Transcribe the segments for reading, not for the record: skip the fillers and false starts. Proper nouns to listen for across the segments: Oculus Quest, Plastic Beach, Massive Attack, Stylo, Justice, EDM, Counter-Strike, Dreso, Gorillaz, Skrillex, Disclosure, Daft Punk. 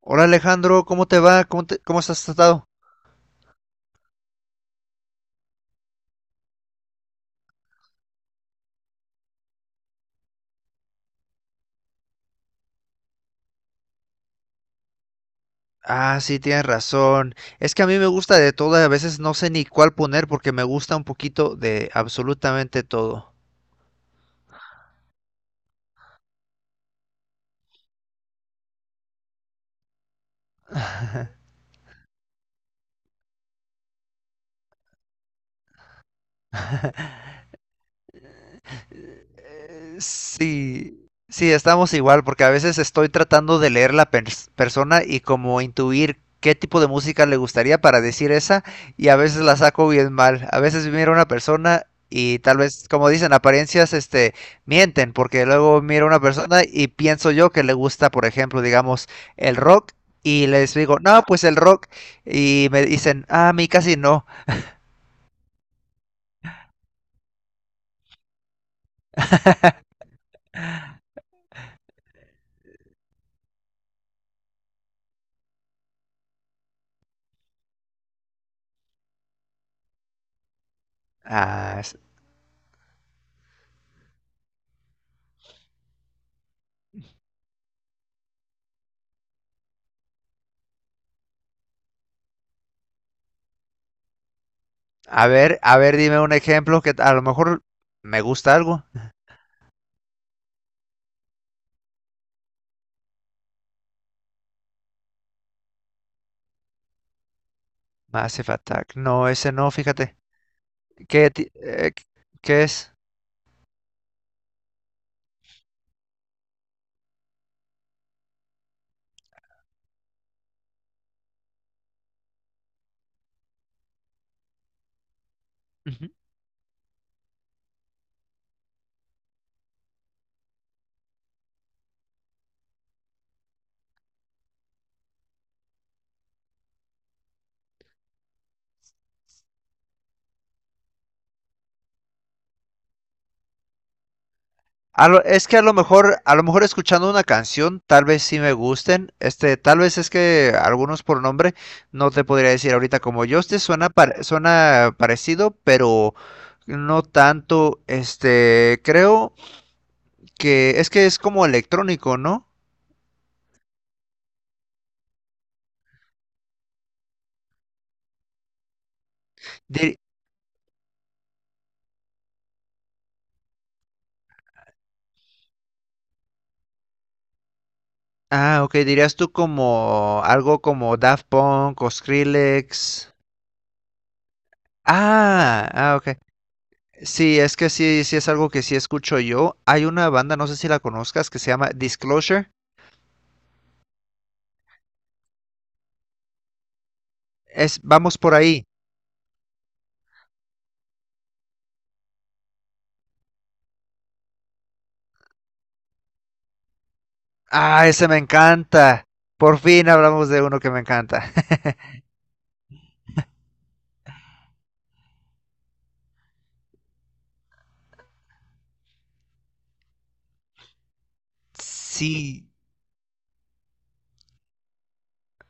Hola Alejandro, ¿cómo te va? ¿Cómo has estado? Ah, sí, tienes razón. Es que a mí me gusta de todo, y a veces no sé ni cuál poner porque me gusta un poquito de absolutamente todo. Sí, sí, estamos igual, porque a veces estoy tratando de leer la persona y como intuir qué tipo de música le gustaría para decir esa, y a veces la saco bien mal. A veces miro a una persona y tal vez, como dicen, apariencias, mienten, porque luego miro a una persona y pienso yo que le gusta, por ejemplo, digamos, el rock, y les digo, no, pues el rock, y me dicen, ah, a mí casi no. Ah, s- a ver, a ver, dime un ejemplo que a lo mejor me gusta algo. Massive Attack. No, ese no, fíjate. ¿Qué, ti- eh, ¿Qué es? Ujú. Es que a lo mejor escuchando una canción, tal vez sí me gusten. Este, tal vez es que algunos por nombre no te podría decir ahorita como Justice suena suena parecido, pero no tanto. Este, creo que es como electrónico, ¿no? Dir- ok, dirías tú como algo como Daft Punk o Skrillex. Ah, ah, ok. Sí, es que sí, sí es algo que sí escucho yo. Hay una banda, no sé si la conozcas, que se llama Disclosure. Es vamos por ahí. Ah, ese me encanta. Por fin hablamos de uno que me encanta. Sí,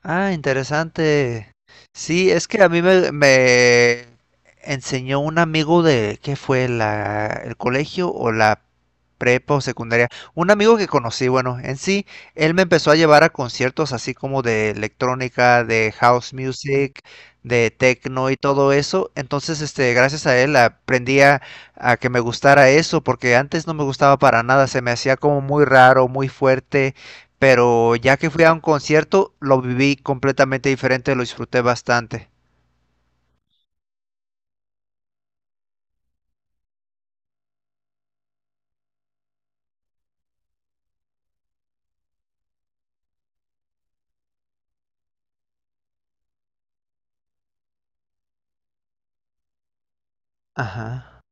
ah, interesante. Sí, es que a mí me enseñó un amigo de, ¿qué fue? La, el colegio o la prepa o secundaria. Un amigo que conocí, bueno, en sí, él me empezó a llevar a conciertos así como de electrónica, de house music, de techno y todo eso. Entonces, este, gracias a él aprendí a que me gustara eso, porque antes no me gustaba para nada, se me hacía como muy raro, muy fuerte, pero ya que fui a un concierto, lo viví completamente diferente, lo disfruté bastante. Ajá.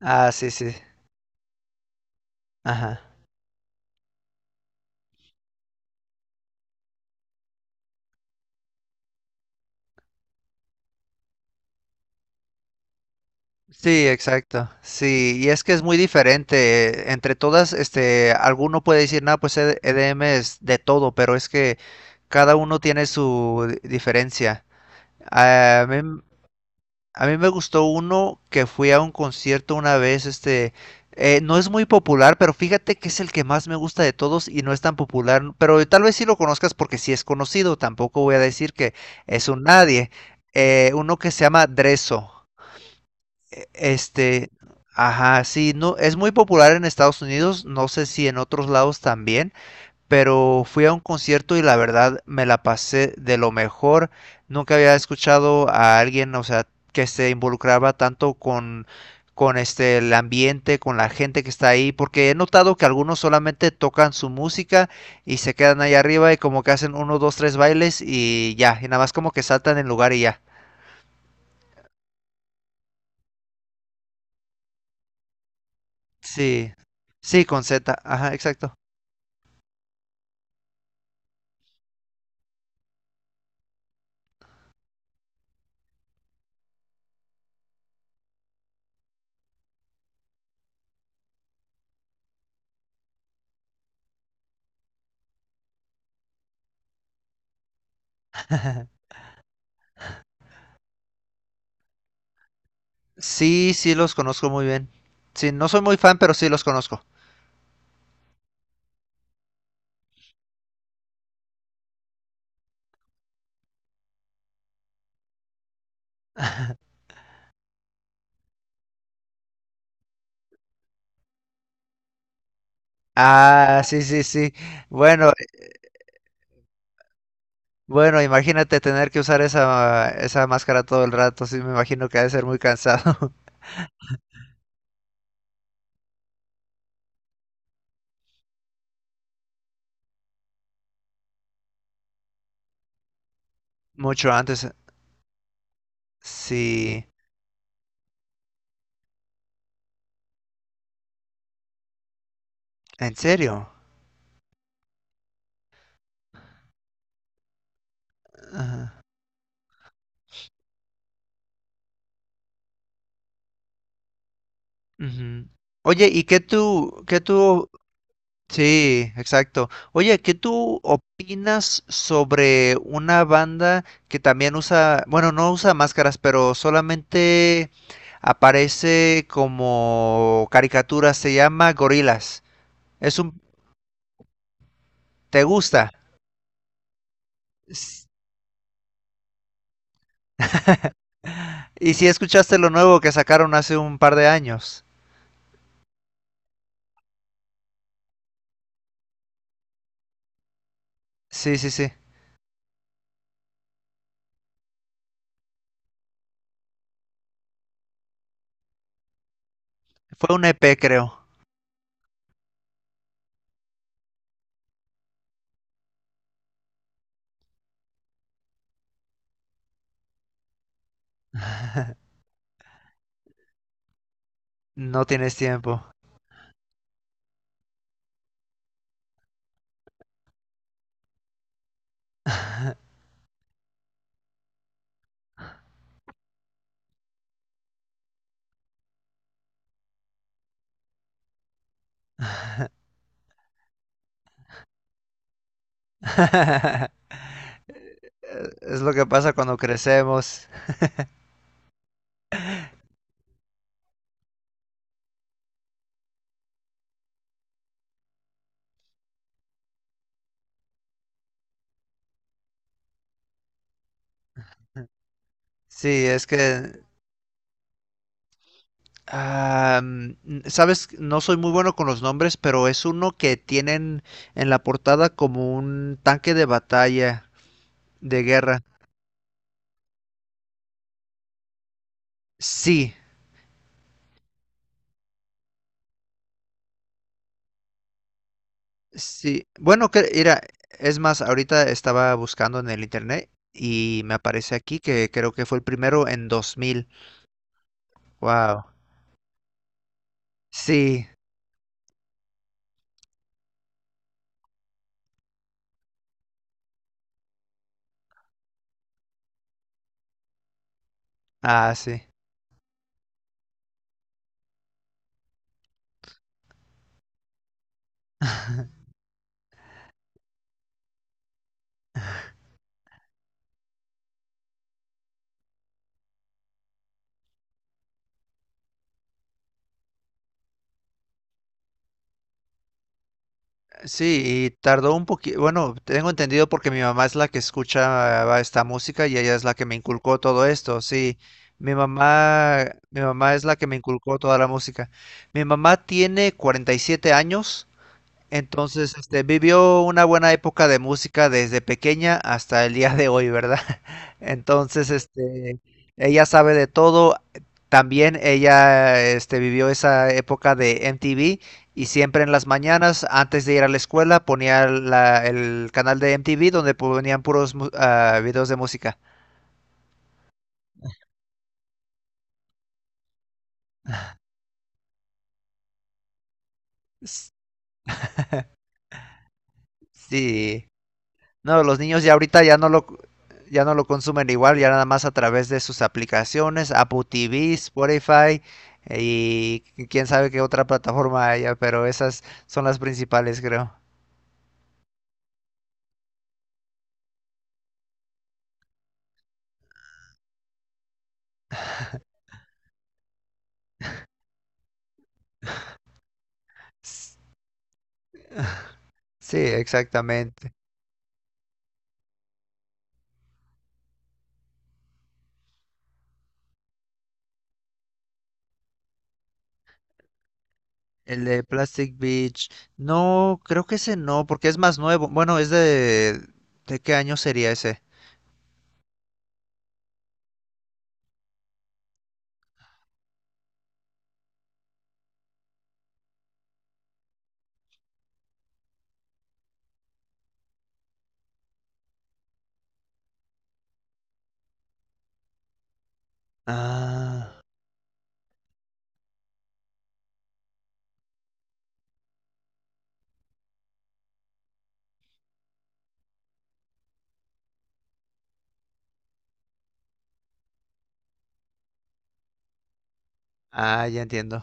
Ah, sí, sí. Ajá. Sí, exacto. Sí, y es que es muy diferente. Entre todas, este, alguno puede decir, no, pues EDM es de todo, pero es que cada uno tiene su diferencia. A mí A mí me gustó uno que fui a un concierto una vez, no es muy popular, pero fíjate que es el que más me gusta de todos y no es tan popular, pero tal vez sí lo conozcas porque sí es conocido, tampoco voy a decir que es un nadie. Uno que se llama Dreso. e- Este, ajá, sí, no, es muy popular en Estados Unidos, no sé si en otros lados también, pero fui a un concierto y la verdad me la pasé de lo mejor. Nunca había escuchado a alguien, o sea, que se involucraba tanto con este, el ambiente, con la gente que está ahí, porque he notado que algunos solamente tocan su música y se quedan ahí arriba y como que hacen uno, dos, tres bailes y ya, y nada más como que saltan en lugar y ya. Sí, sí, con Z, ajá, exacto. Sí, sí, los conozco muy bien. Sí, no soy muy fan, pero sí los conozco. Ah, sí, sí, sí. Bueno, Bueno, imagínate tener que usar esa máscara todo el rato, sí, me imagino que ha de ser muy cansado. Mucho antes. Sí, en serio. Ajá. Ujú. Oye, ¿y qué tú, Sí, exacto. Oye, ¿qué tú opinas sobre una banda que también usa, bueno, no usa máscaras, pero solamente aparece como caricatura, se llama Gorilas. Es un, ¿te gusta? ¿Y si escuchaste lo nuevo que sacaron hace un par de años? Sí, sí, sí. Fue un EP, creo. No tienes tiempo. Es lo que pasa cuando crecemos. Sí, es que, am, sabes, no soy muy bueno con los nombres, pero es uno que tienen en la portada como un tanque de batalla de guerra. Sí, sí, bueno, que era, es más, ahorita estaba buscando en el internet y me aparece aquí que creo que fue el primero en 2000. Wow. Sí, ah, sí. Sí, y tardó un poquito, bueno, tengo entendido porque mi mamá es la que escucha esta música y ella es la que me inculcó todo esto, sí. Mi mamá, mi mamá es la que me inculcó toda la música. Mi mamá tiene 47 años. Entonces, este, vivió una buena época de música desde pequeña hasta el día de hoy, ¿verdad? Entonces, este, ella sabe de todo. También ella, este, vivió esa época de MTV y siempre en las mañanas, antes de ir a la escuela, ponía el canal de MTV donde ponían puros videos de música. S- Sí. No, los niños ya ahorita ya ya no lo consumen igual, ya nada más a través de sus aplicaciones, Apple TV, Spotify, y quién sabe qué otra plataforma haya, pero esas son las principales, creo. S- Sí, exactamente. El de Plastic Beach. No, creo que ese no, porque es más nuevo. Bueno, es de... ¿De qué año sería ese? Ah, ah, ya entiendo.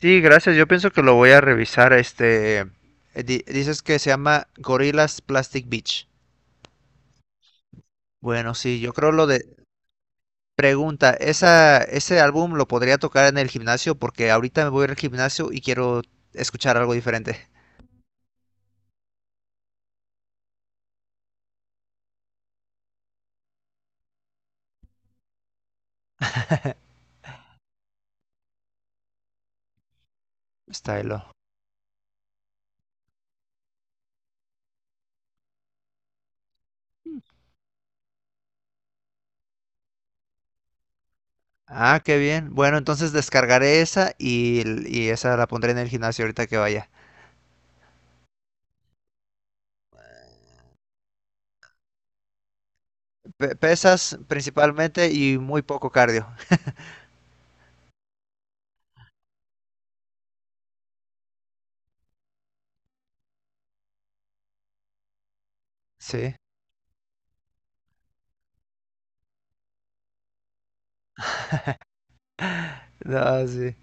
Sí, gracias. Yo pienso que lo voy a revisar. Este, dices que se llama Gorillaz Plastic Beach. Bueno, sí, yo creo lo de... Pregunta, ¿esa, ese álbum lo podría tocar en el gimnasio? Porque ahorita me voy a ir al gimnasio y quiero escuchar algo diferente. Stylo. Ah, qué bien. Bueno, entonces descargaré esa y esa la pondré en el gimnasio ahorita que vaya. Pesas principalmente y muy poco cardio. Sí. Ah, sí.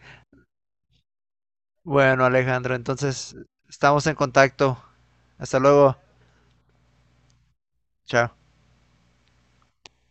Bueno, Alejandro, entonces estamos en contacto. Hasta luego. Chao.